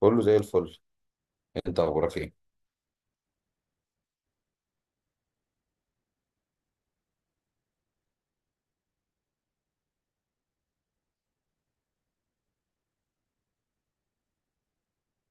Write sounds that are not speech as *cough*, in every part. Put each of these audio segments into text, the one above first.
كله زي الفل. انت اخبارك ايه؟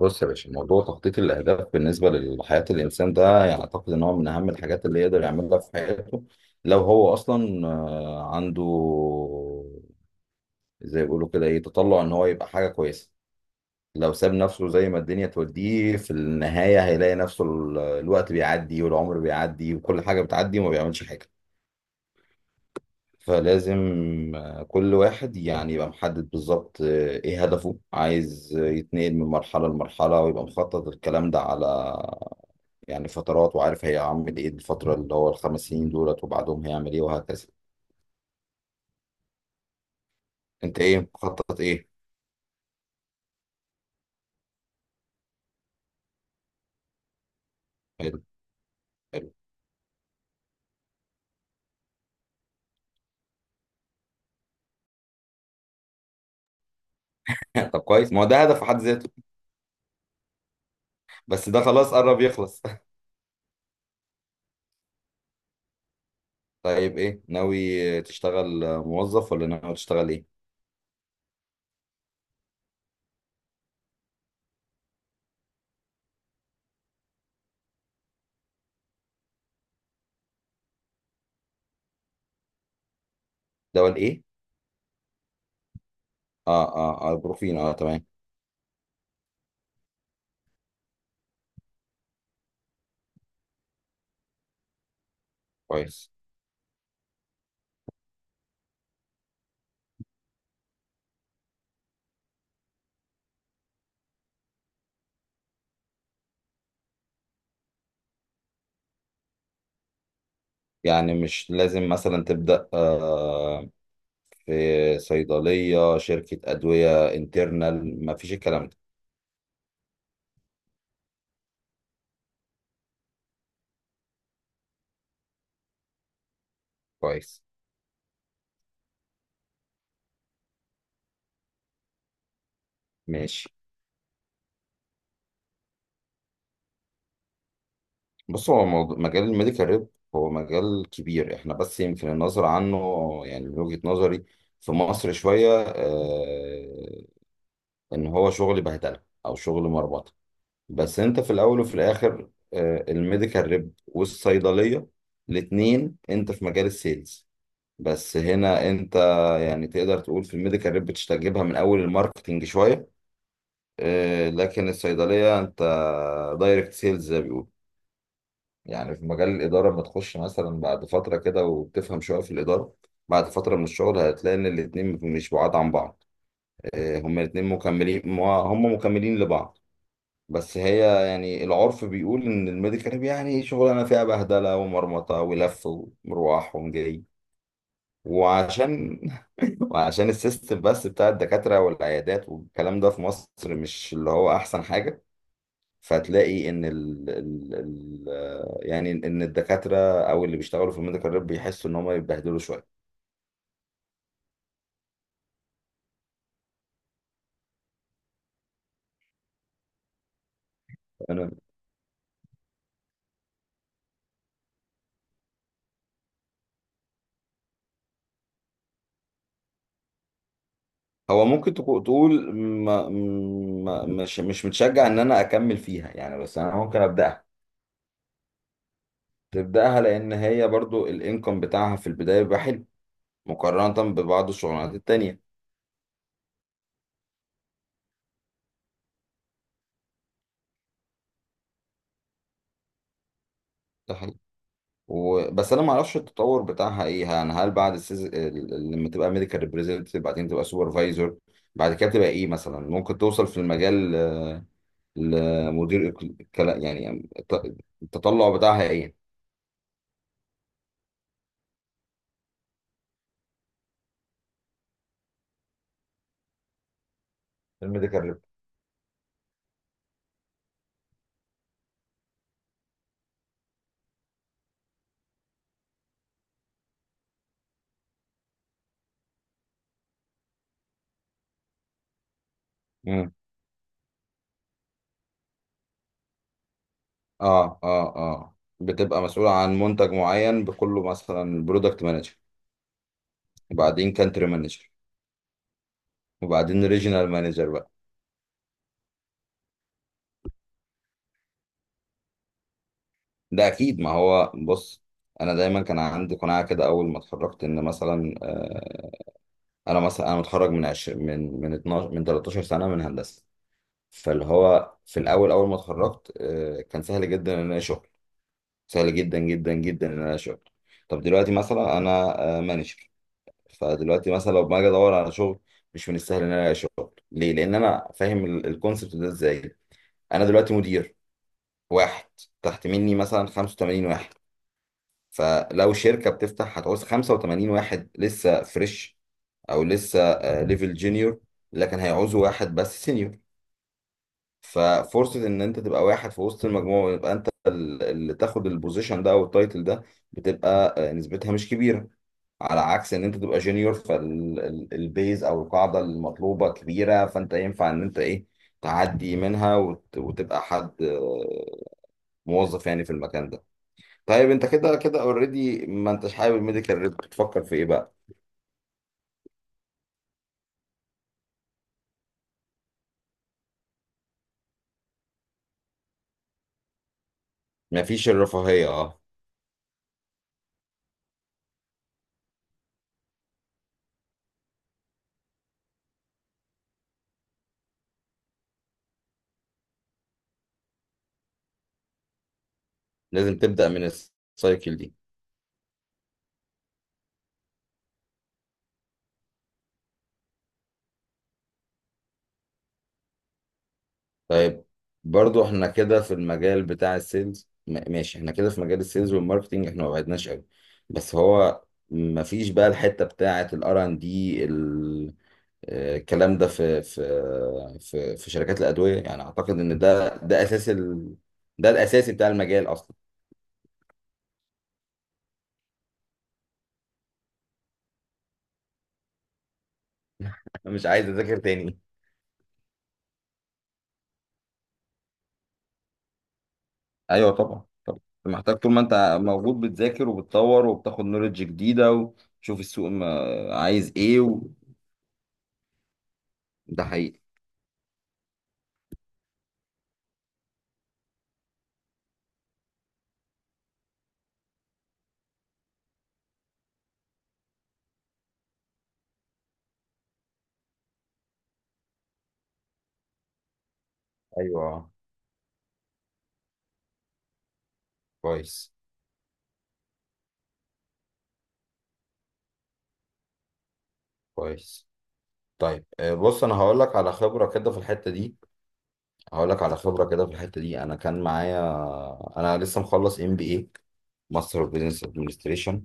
بص يا باشا، موضوع تخطيط الاهداف بالنسبه لحياه الانسان ده يعني اعتقد ان هو من اهم الحاجات اللي يقدر يعملها في حياته. لو هو اصلا عنده زي ما بيقولوا كده ايه تطلع ان هو يبقى حاجه كويسه. لو ساب نفسه زي ما الدنيا توديه في النهايه هيلاقي نفسه الوقت بيعدي والعمر بيعدي وكل حاجه بتعدي وما بيعملش حاجه. فلازم كل واحد يعني يبقى محدد بالظبط ايه هدفه، عايز يتنقل من مرحلة لمرحلة، ويبقى مخطط الكلام ده على يعني فترات، وعارف هيعمل ايه الفترة اللي هو الخمس سنين دولت وبعدهم هيعمل ايه وهكذا. انت ايه مخطط ايه؟ حلو. حلو. *laughs* طب كويس، ما هو ده هدف في حد ذاته. بس ده خلاص قرب يخلص. *laughs* طيب ايه ناوي تشتغل موظف ولا ناوي تشتغل ايه؟ دول ايه؟ اه اه اه بروفين، اه تمام. كويس. يعني مش لازم مثلا تبدأ في صيدلية شركة أدوية انترنال، مفيش الكلام ده. كويس. ماشي. بص، هو موضوع مجال الميديكال ريب هو مجال كبير احنا بس يمكن النظر عنه، يعني من وجهة نظري في مصر شوية ان هو شغل بهدلة او شغل مربطة. بس انت في الاول وفي الاخر الميديكال ريب والصيدلية الاتنين انت في مجال السيلز. بس هنا انت يعني تقدر تقول في الميديكال ريب بتجيبها من اول الماركتنج شوية، لكن الصيدلية انت دايركت سيلز زي ما بيقولوا. يعني في مجال الإدارة لما تخش مثلا بعد فترة كده وبتفهم شوية في الإدارة، بعد فترة من الشغل هتلاقي إن الاتنين مش بعاد عن بعض. هما الاتنين مكملين، هما مكملين لبعض. بس هي يعني العرف بيقول إن الميديكال يعني شغلانة فيها بهدلة ومرمطة ولف ومروح ومجري. وعشان *laughs* وعشان السيستم بس بتاع الدكاترة والعيادات والكلام ده في مصر مش اللي هو أحسن حاجة. فتلاقي ان ال ال ال آه، يعني ان الدكاتره او اللي بيشتغلوا في الميديكال ريب بيحسوا ان هم يتبهدلوا شويه. انا هو ممكن تقول ما مش متشجع ان انا اكمل فيها يعني، بس انا ممكن ابداها. تبداها لان هي برضو الانكم بتاعها في البدايه بيبقى حلو مقارنه ببعض الشغلانات التانيه. ده حقيقي. بس انا ما اعرفش التطور بتاعها ايه، يعني هل بعد لما تبقى ميديكال ريبريزنتيف بعدين تبقى سوبرفايزر، بعد كده تبقى ايه مثلا ممكن توصل في المجال، لمدير التطلع بتاعها ايه؟ الميديكال ريب. مم. اه اه اه، بتبقى مسؤولة عن منتج معين بكله مثلا برودكت مانجر. وبعدين كانتري مانجر. وبعدين ريجنال مانجر بقى. ده اكيد، ما هو بص، انا دايما كان عندي قناعة كده اول ما اتخرجت ان مثلا انا مثلا انا متخرج من 20 من 12 من 13 سنة من هندسة. فاللي هو في الاول اول ما اتخرجت كان سهل جدا ان انا ألاقي شغل، سهل جدا جدا جدا ان انا اشتغل. طب دلوقتي مثلا انا مانجر، فدلوقتي مثلا لو ما اجي ادور على شغل، مش من السهل ان انا الاقي شغل، ليه؟ لان انا فاهم الكونسبت ده ازاي. انا دلوقتي مدير واحد، تحت مني مثلا 85 واحد. فلو شركه بتفتح، هتعوز 85 واحد لسه فريش او لسه ليفل جونيور، لكن هيعوزوا واحد بس سينيور. ففرصة إن أنت تبقى واحد في وسط المجموعة ويبقى أنت اللي تاخد البوزيشن ده أو التايتل ده، بتبقى نسبتها مش كبيرة. على عكس إن أنت تبقى جونيور، فالبيز أو القاعدة المطلوبة كبيرة، فأنت ينفع إن أنت إيه، تعدي منها وتبقى حد موظف يعني في المكان ده. طيب أنت كده كده أوريدي ما أنتش حابب الميديكال ريب، بتفكر في إيه بقى؟ مفيش الرفاهية، أه. لازم تبدأ من السايكل دي. طيب، برضو احنا كده في المجال بتاع السيلز، ماشي. احنا كده في مجال السيلز والماركتينج، احنا ما بعدناش قوي، بس هو ما فيش بقى الحتة بتاعة الار ان دي. الكلام ده في شركات الأدوية، يعني اعتقد ان ده ده الاساسي بتاع المجال اصلا. *laughs* انا مش عايز اذاكر تاني. ايوه طبعا طبعا، انت محتاج طول ما انت موجود بتذاكر وبتطور وبتاخد نوليدج جديدة وتشوف السوق عايز ايه. ده حقيقي. ايوه. كويس. كويس. طيب بص، انا هقول لك على خبره كده في الحته دي، انا كان معايا، انا لسه مخلص ام بي اي، ماستر اوف بزنس ادمنستريشن،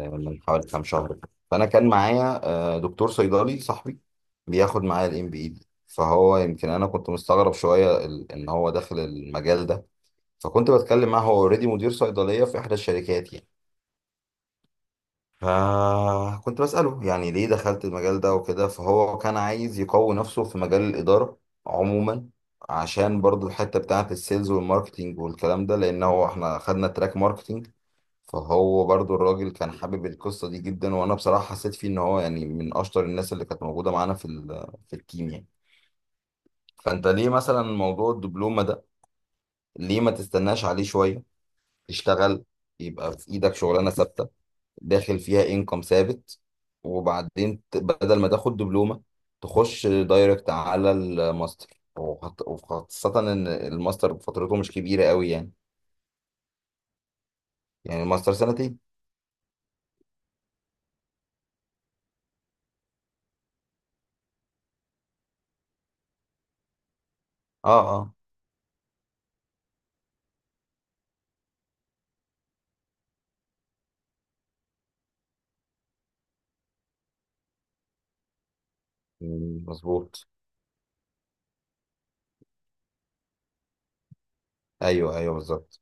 من حوالي كام شهر كده. فانا كان معايا دكتور صيدلي صاحبي، بياخد معايا الام بي اي دي، فهو يمكن انا كنت مستغرب شويه ان هو داخل المجال ده. فكنت بتكلم معاه، هو اوريدي مدير صيدليه في احدى الشركات يعني. فكنت بسأله يعني ليه دخلت المجال ده وكده، فهو كان عايز يقوي نفسه في مجال الإدارة عموما، عشان برضو الحتة بتاعة السيلز والماركتينج والكلام ده، لأن هو احنا خدنا تراك ماركتينج. فهو برضو الراجل كان حابب القصة دي جدا، وأنا بصراحة حسيت فيه إن هو يعني من أشطر الناس اللي كانت موجودة معانا في في التيم يعني. فأنت ليه مثلا موضوع الدبلومة ده؟ ليه ما تستناش عليه شوية، تشتغل، يبقى في إيدك شغلانة ثابتة، داخل فيها انكم ثابت، وبعدين بدل ما تاخد دبلومة، تخش دايركت على الماستر، وخاصة ان الماستر فترته مش كبيرة قوي يعني، يعني الماستر سنتين. اه اه. مم، مظبوط. ايوه ايوه بالظبط.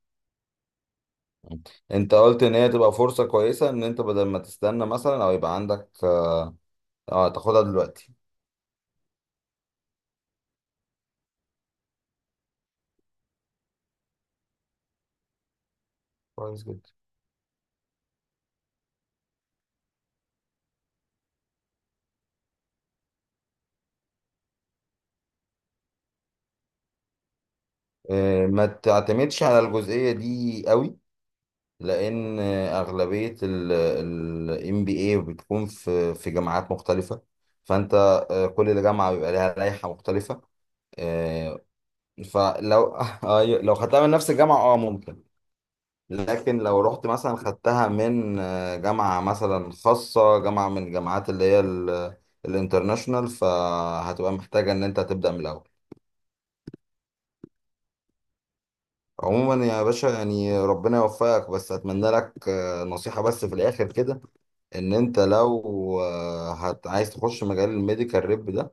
مم. انت قلت ان هي تبقى فرصة كويسة ان انت بدل ما تستنى مثلا او يبقى عندك اه، تاخدها دلوقتي. كويس جدا. ما تعتمدش على الجزئية دي قوي، لان اغلبيه الام بي اي بتكون في جامعات مختلفه، فانت كل جامعه بيبقى لها لائحه مختلفه. آه، فلو *laughs* أيوة، لو خدتها من نفس الجامعه اه ممكن. لكن لو رحت مثلا خدتها من جامعه مثلا خاصه، جامعه من الجامعات اللي هي الانترناشونال، فهتبقى محتاجه ان انت تبدا من الاول. عموما يا باشا، يعني ربنا يوفقك، بس اتمنى لك نصيحه بس في الاخر كده. ان انت لو عايز تخش مجال الميديكال ريب ده،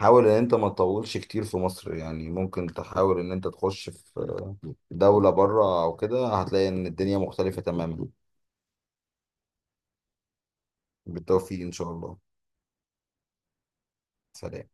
حاول ان انت ما تطولش كتير في مصر يعني. ممكن تحاول ان انت تخش في دولة بره او كده، هتلاقي ان الدنيا مختلفة تماما. بالتوفيق ان شاء الله. سلام.